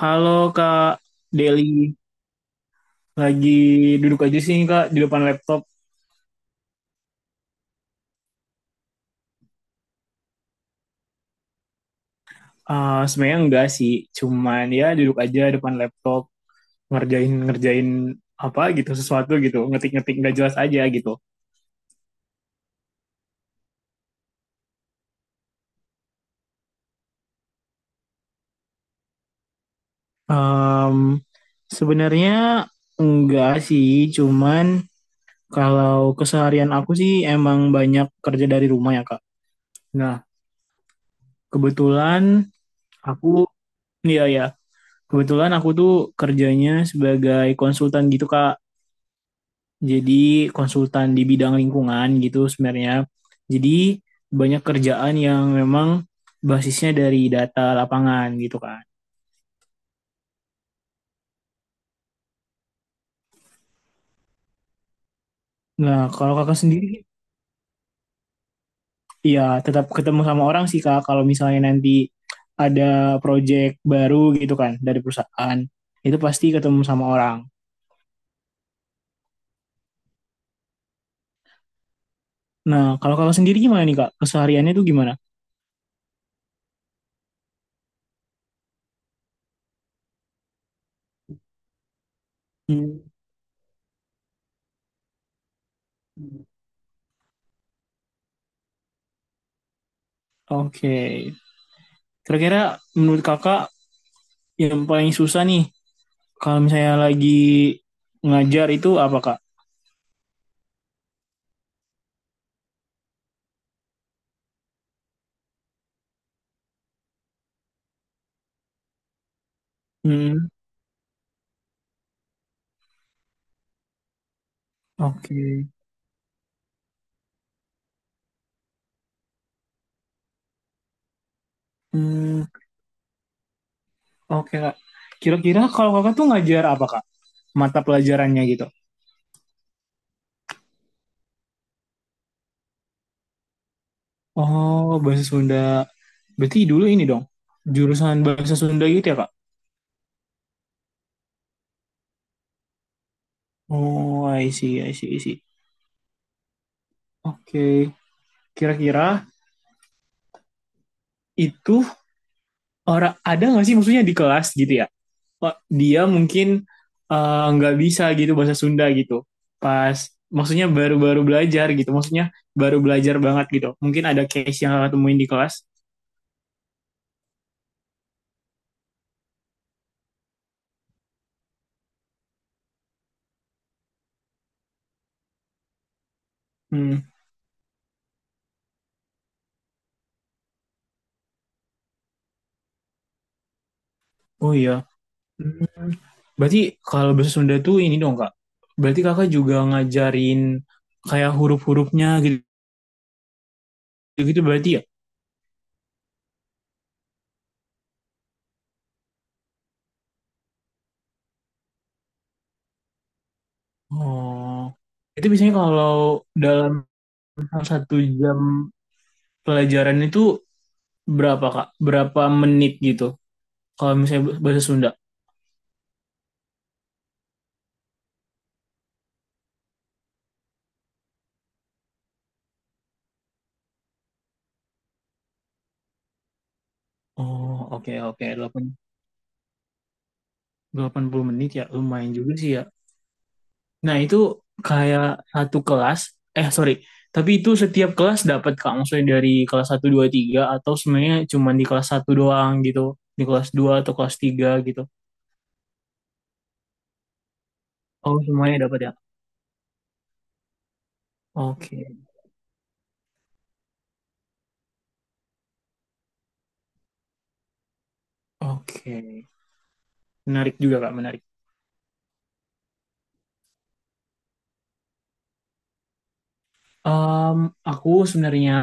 Halo Kak Deli, lagi duduk aja sih Kak di depan laptop. Ah, sebenarnya enggak sih, cuman ya duduk aja depan laptop ngerjain ngerjain apa gitu sesuatu gitu, ngetik-ngetik nggak jelas aja gitu. Em, sebenarnya enggak sih, cuman kalau keseharian aku sih emang banyak kerja dari rumah ya Kak. Nah, kebetulan aku, iya ya, kebetulan aku tuh kerjanya sebagai konsultan gitu Kak. Jadi konsultan di bidang lingkungan gitu sebenarnya. Jadi banyak kerjaan yang memang basisnya dari data lapangan gitu kan. Nah, kalau kakak sendiri, ya tetap ketemu sama orang sih kak. Kalau misalnya nanti ada proyek baru gitu kan dari perusahaan, itu pasti ketemu sama orang. Nah, kalau kakak sendiri gimana nih kak? Kesehariannya tuh gimana? Hmm, oke. Okay. Kira-kira menurut kakak yang paling susah nih kalau misalnya lagi ngajar itu apa kak? Hmm, oke. Hmm, oke, Kak. Kira-kira kalau Kakak tuh ngajar apa, Kak? Mata pelajarannya gitu. Oh, bahasa Sunda. Berarti dulu ini dong, jurusan bahasa Sunda gitu ya, Kak? Oh, I see, I see, I see. Oke. Kira-kira itu orang ada nggak sih maksudnya di kelas gitu ya? Oh, dia mungkin nggak bisa gitu bahasa Sunda gitu. Pas maksudnya baru-baru belajar gitu. Maksudnya baru belajar banget gitu. Mungkin ada case yang Kakak temuin di kelas. Hmm. Oh iya. Hmm. Berarti kalau bahasa Sunda tuh ini dong kak. Berarti kakak juga ngajarin kayak huruf-hurufnya gitu-gitu berarti ya? Oh. Itu biasanya kalau dalam satu jam pelajaran itu berapa kak? Berapa menit gitu? Kalau misalnya bahasa Sunda. Oh oke oke. 80 menit ya lumayan juga sih ya. Nah, itu kayak satu kelas, eh sorry, tapi itu setiap kelas dapat Kak, maksudnya dari kelas satu 2 3 atau sebenarnya cuma di kelas satu doang gitu, di kelas dua atau kelas tiga gitu. Oh, semuanya dapat ya? Oke, oke. Menarik juga Kak, menarik. Em, aku sebenarnya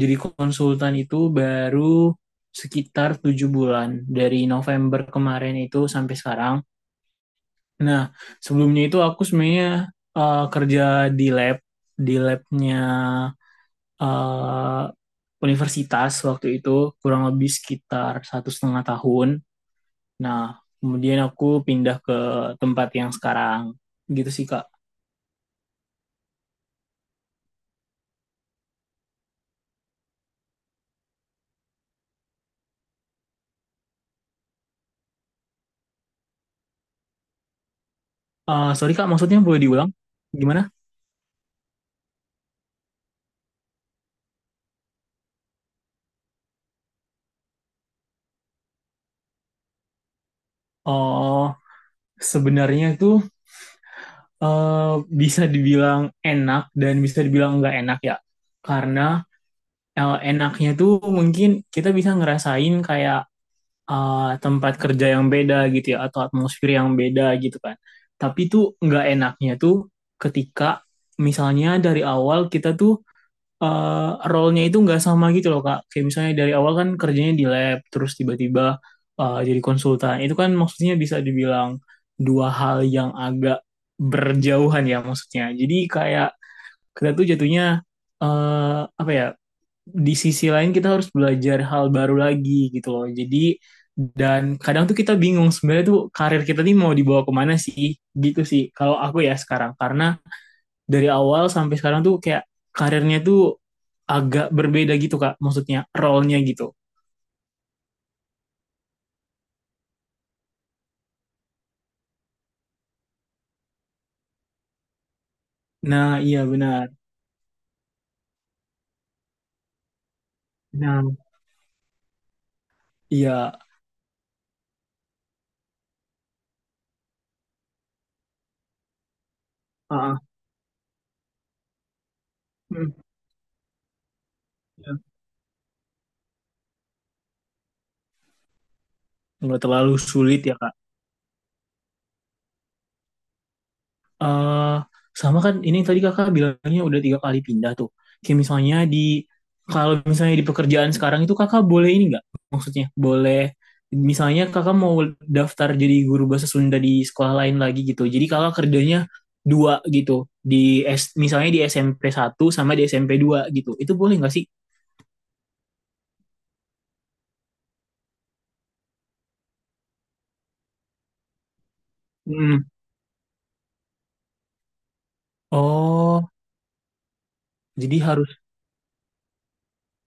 jadi konsultan itu baru sekitar 7 bulan, dari November kemarin itu sampai sekarang. Nah, sebelumnya itu aku sebenarnya kerja di lab, di labnya eh, universitas waktu itu kurang lebih sekitar 1,5 tahun. Nah, kemudian aku pindah ke tempat yang sekarang. Gitu sih, Kak. Sorry, Kak, maksudnya boleh diulang? Gimana? Oh, sebenarnya itu eh, bisa dibilang enak dan bisa dibilang nggak enak ya. Karena enaknya tuh mungkin kita bisa ngerasain kayak tempat kerja yang beda gitu ya atau atmosfer yang beda gitu kan. Tapi tuh nggak enaknya tuh ketika misalnya dari awal kita tuh role-nya itu nggak sama gitu loh Kak. Kayak misalnya dari awal kan kerjanya di lab terus tiba-tiba jadi konsultan. Itu kan maksudnya bisa dibilang dua hal yang agak berjauhan ya maksudnya. Jadi kayak kita tuh jatuhnya apa ya di sisi lain kita harus belajar hal baru lagi gitu loh. Jadi dan kadang tuh kita bingung sebenarnya tuh karir kita nih mau dibawa kemana sih gitu sih kalau aku ya sekarang karena dari awal sampai sekarang tuh kayak karirnya tuh agak berbeda gitu Kak maksudnya role-nya gitu. Nah, iya benar. Nah, iya, heeh. Hmm, iya. Nggak terlalu sulit ya Kak. eh Sama kan ini yang tadi kakak bilangnya udah 3 kali pindah tuh. Kayak misalnya di kalau misalnya di pekerjaan sekarang itu kakak boleh ini nggak? Maksudnya boleh misalnya kakak mau daftar jadi guru bahasa Sunda di sekolah lain lagi gitu. Jadi kakak kerjanya dua gitu di misalnya di SMP 1 sama di SMP 2 gitu. Itu boleh nggak sih? Hmm. Oh, jadi harus.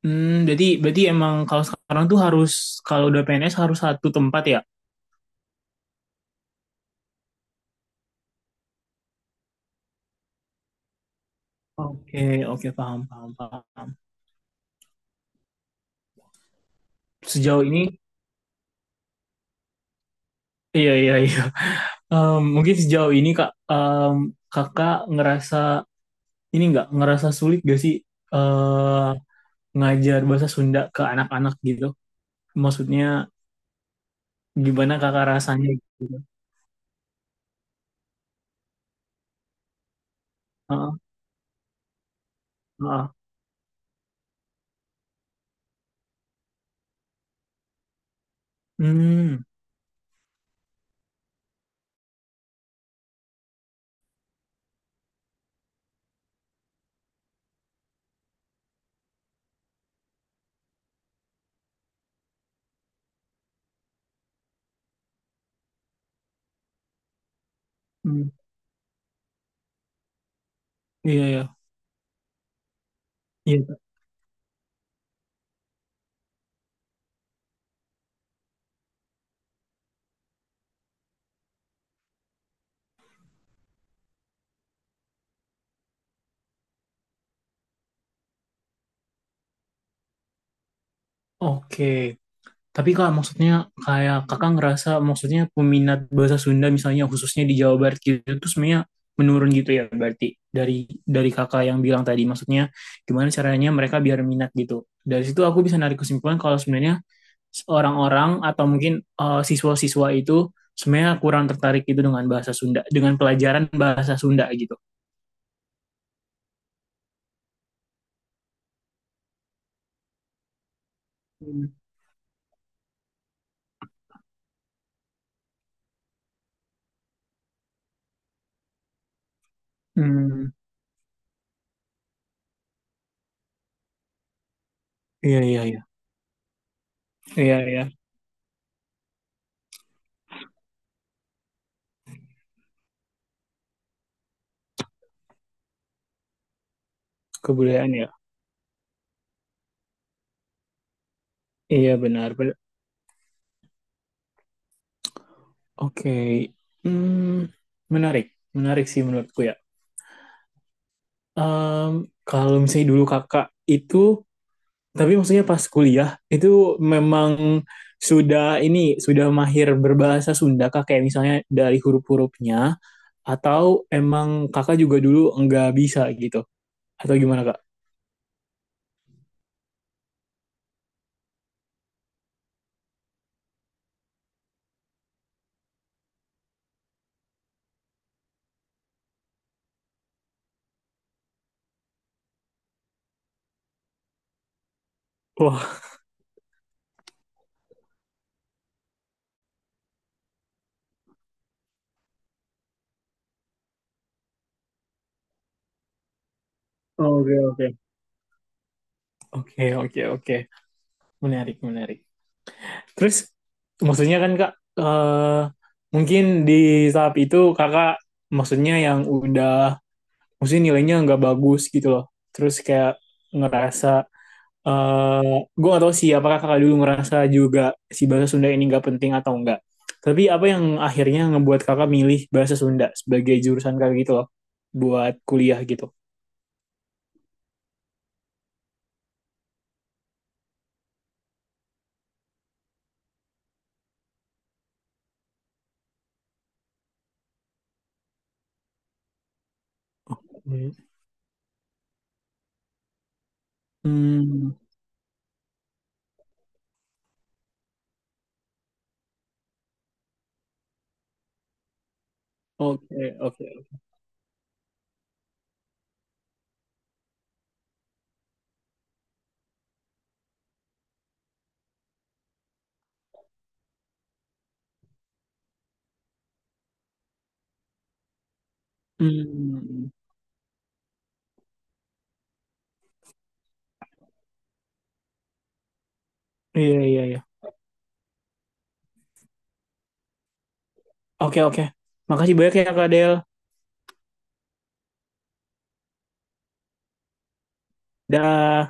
Hmm, berarti berarti emang kalau sekarang tuh harus kalau udah PNS harus satu tempat ya? Oke, oke paham paham paham. Sejauh ini iya iya iya. Mungkin sejauh ini kak kakak ngerasa ini nggak ngerasa sulit gak sih eh ngajar bahasa Sunda ke anak-anak gitu maksudnya gimana kakak rasanya gitu. Heeh, heeh. Hmm, hmm, iya iya iya oke. Tapi Kak, maksudnya kayak kakak ngerasa maksudnya peminat bahasa Sunda misalnya khususnya di Jawa Barat gitu itu sebenarnya menurun gitu ya berarti dari dari kakak yang bilang tadi maksudnya gimana caranya mereka biar minat gitu. Dari situ aku bisa narik kesimpulan kalau sebenarnya orang-orang atau mungkin siswa-siswa itu sebenarnya kurang tertarik gitu dengan bahasa Sunda, dengan pelajaran bahasa Sunda gitu. Hmm. Hmm. Iya, iya, iya. Iya, iya. Kebudayaan ya. Iya, benar. Oke, hmm, menarik, menarik sih menurutku ya. Em, kalau misalnya dulu kakak itu, tapi maksudnya pas kuliah itu memang sudah ini sudah mahir berbahasa Sunda kak, kayak misalnya dari huruf-hurufnya, atau emang kakak juga dulu nggak bisa gitu, atau gimana kak? Wah, oke, oke. Oke, oke, oke, menarik, menarik. Terus maksudnya kan Kak eh, mungkin di tahap itu Kakak maksudnya yang udah maksudnya nilainya nggak bagus gitu loh. Terus kayak ngerasa eh gue gak tahu sih apakah Kakak dulu ngerasa juga si bahasa Sunda ini nggak penting atau enggak. Tapi apa yang akhirnya ngebuat Kakak milih bahasa Sunda sebagai jurusan Kakak gitu loh buat kuliah gitu. Hmm, hmm, oke, oke. Hmm, iya, iya, iya. Oke, oke. Makasih banyak ya, Kak Del. Dah.